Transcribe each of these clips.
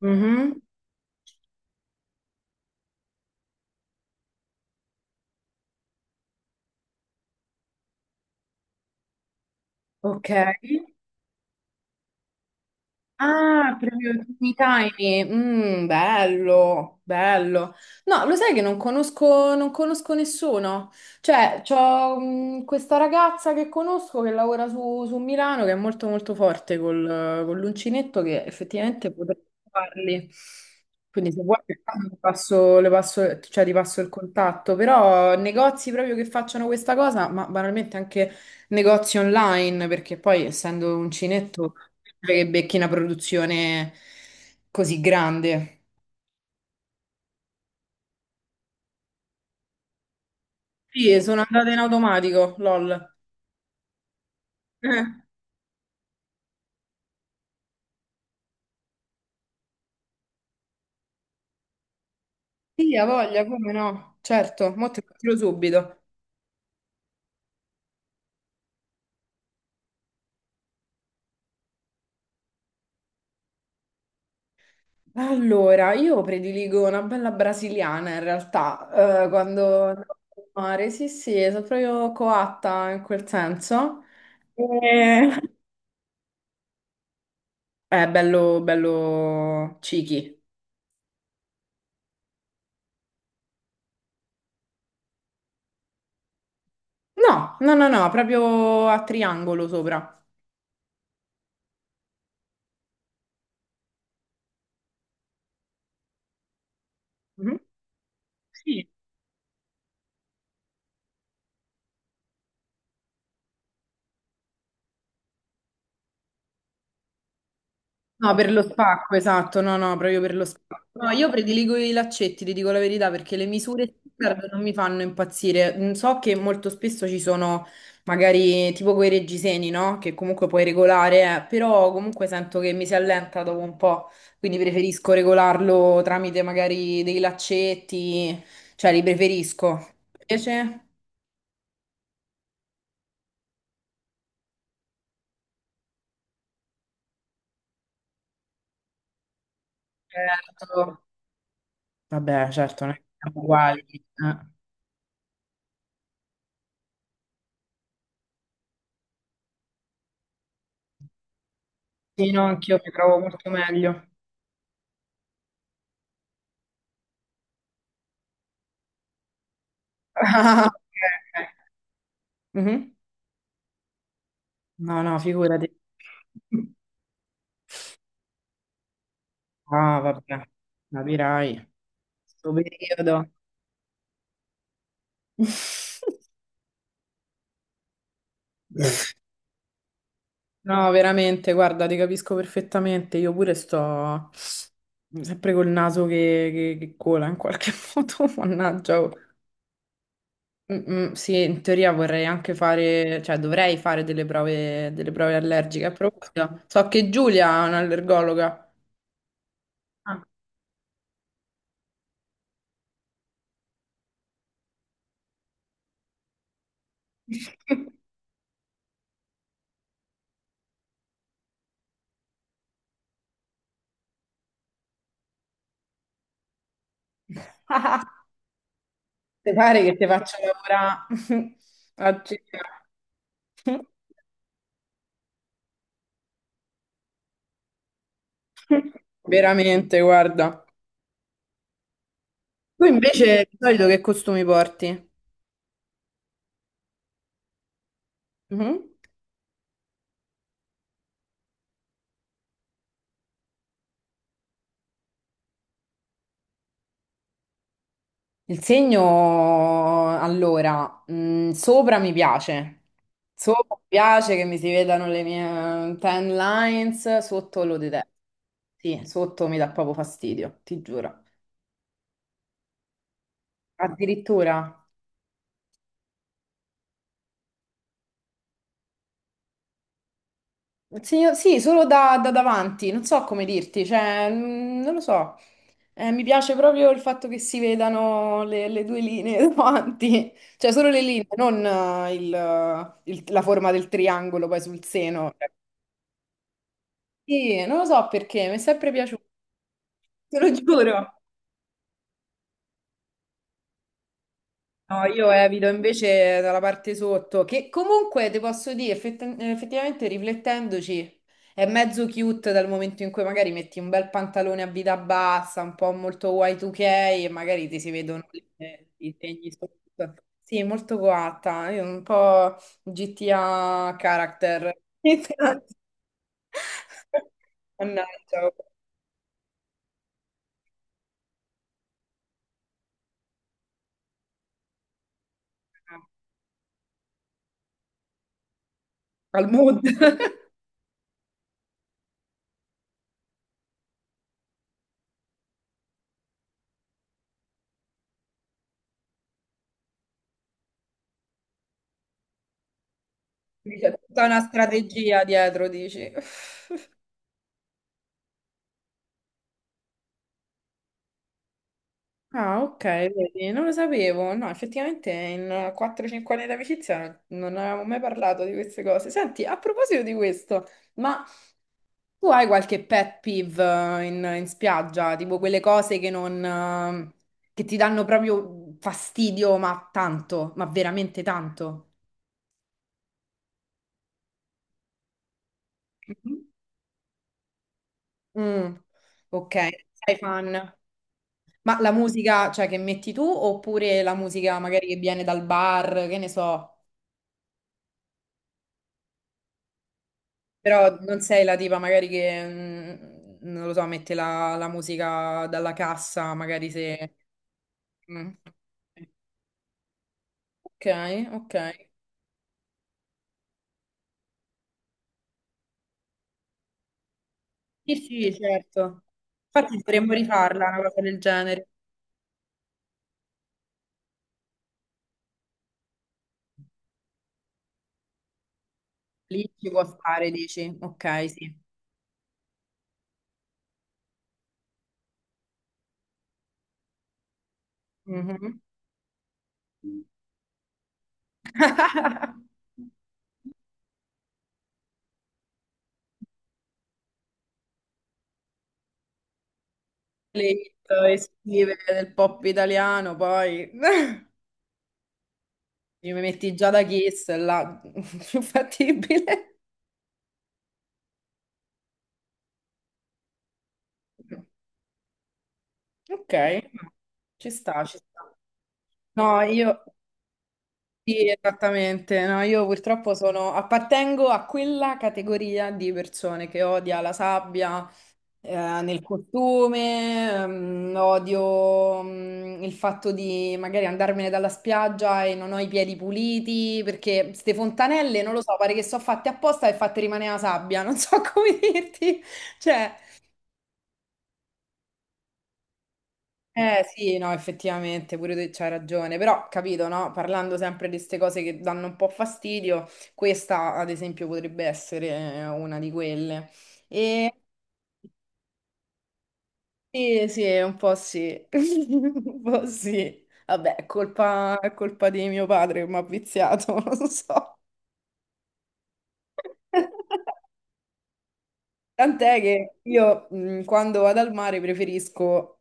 Mhm. Ok. Ah, proprio tutti i timing. Mm, bello, bello. No, lo sai che non conosco, non conosco nessuno. Cioè, c'ho questa ragazza che conosco che lavora su Milano che è molto molto forte con l'uncinetto che effettivamente potrebbe farli. Quindi se vuoi per caso, ti passo, cioè, ti passo il contatto, però negozi proprio che facciano questa cosa, ma banalmente anche negozi online, perché poi essendo uncinetto che becchi una produzione così grande. Sì, e sono andata in automatico, lol. Eh. Sì, ha voglia, come no? Certo, mo te lo tiro subito. Allora, io prediligo una bella brasiliana in realtà, quando andavo al mare, sì, sì, sono proprio coatta in quel senso. E- È bello, bello cichi. No, no, no, no, proprio a triangolo sopra. Mhm. Sì. No, per lo spacco, esatto, no, no, proprio per lo spacco. No, io prediligo i laccetti, ti dico la verità, perché le misure standard non mi fanno impazzire. Mm, so che molto spesso ci sono magari tipo quei reggiseni, no? Che comunque puoi regolare, però comunque sento che mi si allenta dopo un po', quindi preferisco regolarlo tramite magari dei laccetti, cioè li preferisco. Invece? Certo. Vabbè, certo, non è che siamo uguali, eh. Sì, no, anch'io mi trovo molto meglio. Ah, ok. Mhm. No, no, figurati. Ah, vabbè, capirai. Sto periodo. No, veramente, guarda, ti capisco perfettamente. Io pure sto sempre col naso che cola in qualche modo, mannaggia, oh. Mm, sì, in teoria vorrei anche fare, cioè dovrei fare delle prove allergiche a proposito. So che Giulia è un'allergologa. Ah. Ti pare che ti faccio lavorare a cena? Veramente, guarda. Tu invece di solito che costumi porti? Mhm. Il segno, allora, sopra mi piace che mi si vedano le mie tan lines, sotto lo detesto. Sì, sotto mi dà proprio fastidio, ti giuro. Addirittura. Sì, solo da davanti, non so come dirti, cioè, non lo so. Mi piace proprio il fatto che si vedano le due linee davanti, cioè solo le linee, non la forma del triangolo poi sul seno. Sì, non lo so perché, mi è sempre piaciuto, te lo giuro. No, io evito invece dalla parte sotto, che comunque ti posso dire, effettivamente riflettendoci, è mezzo cute dal momento in cui magari metti un bel pantalone a vita bassa, un po' molto Y2K e magari ti si vedono i segni sotto. Sì, molto coatta, io un po' GTA character. Mannaggia, oh, al mood. C'è tutta una strategia dietro, dici. Ah, ok, vedi, non lo sapevo. No, effettivamente in 4-5 anni di amicizia non avevamo mai parlato di queste cose. Senti, a proposito di questo, ma tu hai qualche pet peeve in spiaggia? Tipo quelle cose che non, che ti danno proprio fastidio, ma tanto, ma veramente tanto? Mhm. Mm, ok, sei fan. Ma la musica, cioè, che metti tu oppure la musica magari che viene dal bar, che ne so? Però non sei la tipa magari non lo so, mette la musica dalla cassa, magari se... Mm. Ok, ok. Sì, sì, certo. Infatti dovremmo rifarla, una cosa del genere. Lì ci può stare, dici. Ok, sì. Mhm. Le hit estive del pop italiano, poi... Mi metti già da Kiss, là, più fattibile. Ok, no, ci sta, ci sta. No, io... Sì, esattamente. No, io purtroppo sono, appartengo a quella categoria di persone che odia la sabbia, eh, nel costume, odio, il fatto di magari andarmene dalla spiaggia e non ho i piedi puliti, perché ste fontanelle, non lo so, pare che sono fatte apposta e fatte rimanere la sabbia, non so come dirti. Cioè, eh sì, no, effettivamente, pure tu c'hai ragione, però capito, no? Parlando sempre di queste cose che danno un po' fastidio, questa ad esempio potrebbe essere una di quelle. E sì, sì, un po' sì, un po' sì. Vabbè, è colpa di mio padre che mi ha viziato, non lo so. Tant'è che io quando vado al mare preferisco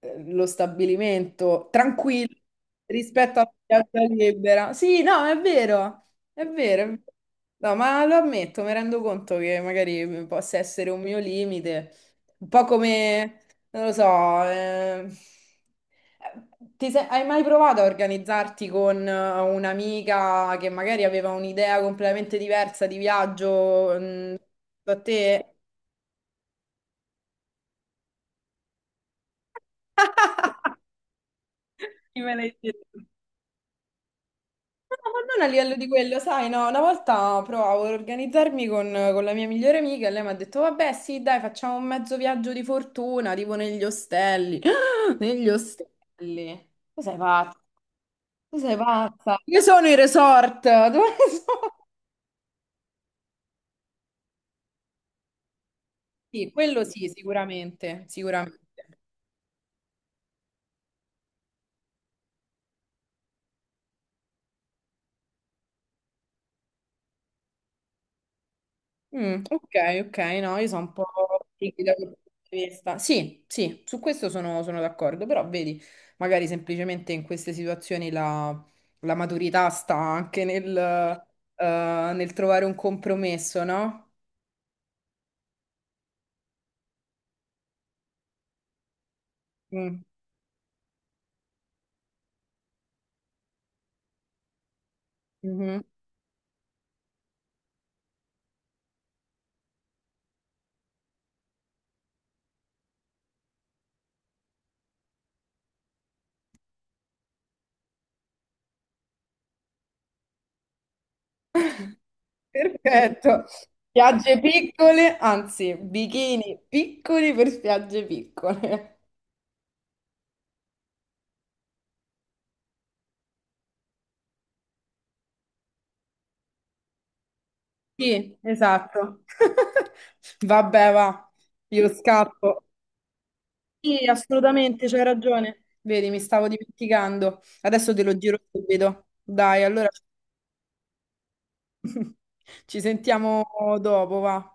lo stabilimento tranquillo rispetto alla piazza libera. Sì, no, è vero, è vero, è vero. No, ma lo ammetto, mi rendo conto che magari possa essere un mio limite, un po' come, non lo so, hai mai provato a organizzarti con un'amica che magari aveva un'idea completamente diversa di viaggio, da te? Chi me l'hai detto? No, ma non a livello di quello, sai, no, una volta provavo ad organizzarmi con la mia migliore amica e lei mi ha detto, vabbè, sì, dai, facciamo un mezzo viaggio di fortuna, tipo negli ostelli. Negli ostelli. Tu sei pazza, tu sei pazza. Io sono i resort. Dove sono? Sì, quello sì, sicuramente, sicuramente. Mm, ok, ok, no, io sono un po' tricky da quel punto di vista. Sì, sì, su questo sono, sono d'accordo, però vedi, magari semplicemente in queste situazioni la maturità sta anche nel, nel trovare un compromesso, no? Mm, mhm. Perfetto. Spiagge piccole, anzi, bikini piccoli per spiagge piccole. Sì, esatto. Vabbè, va, io scappo. Sì, assolutamente, c'hai ragione. Vedi, mi stavo dimenticando. Adesso te lo giro subito. Dai, allora ci sentiamo dopo, va.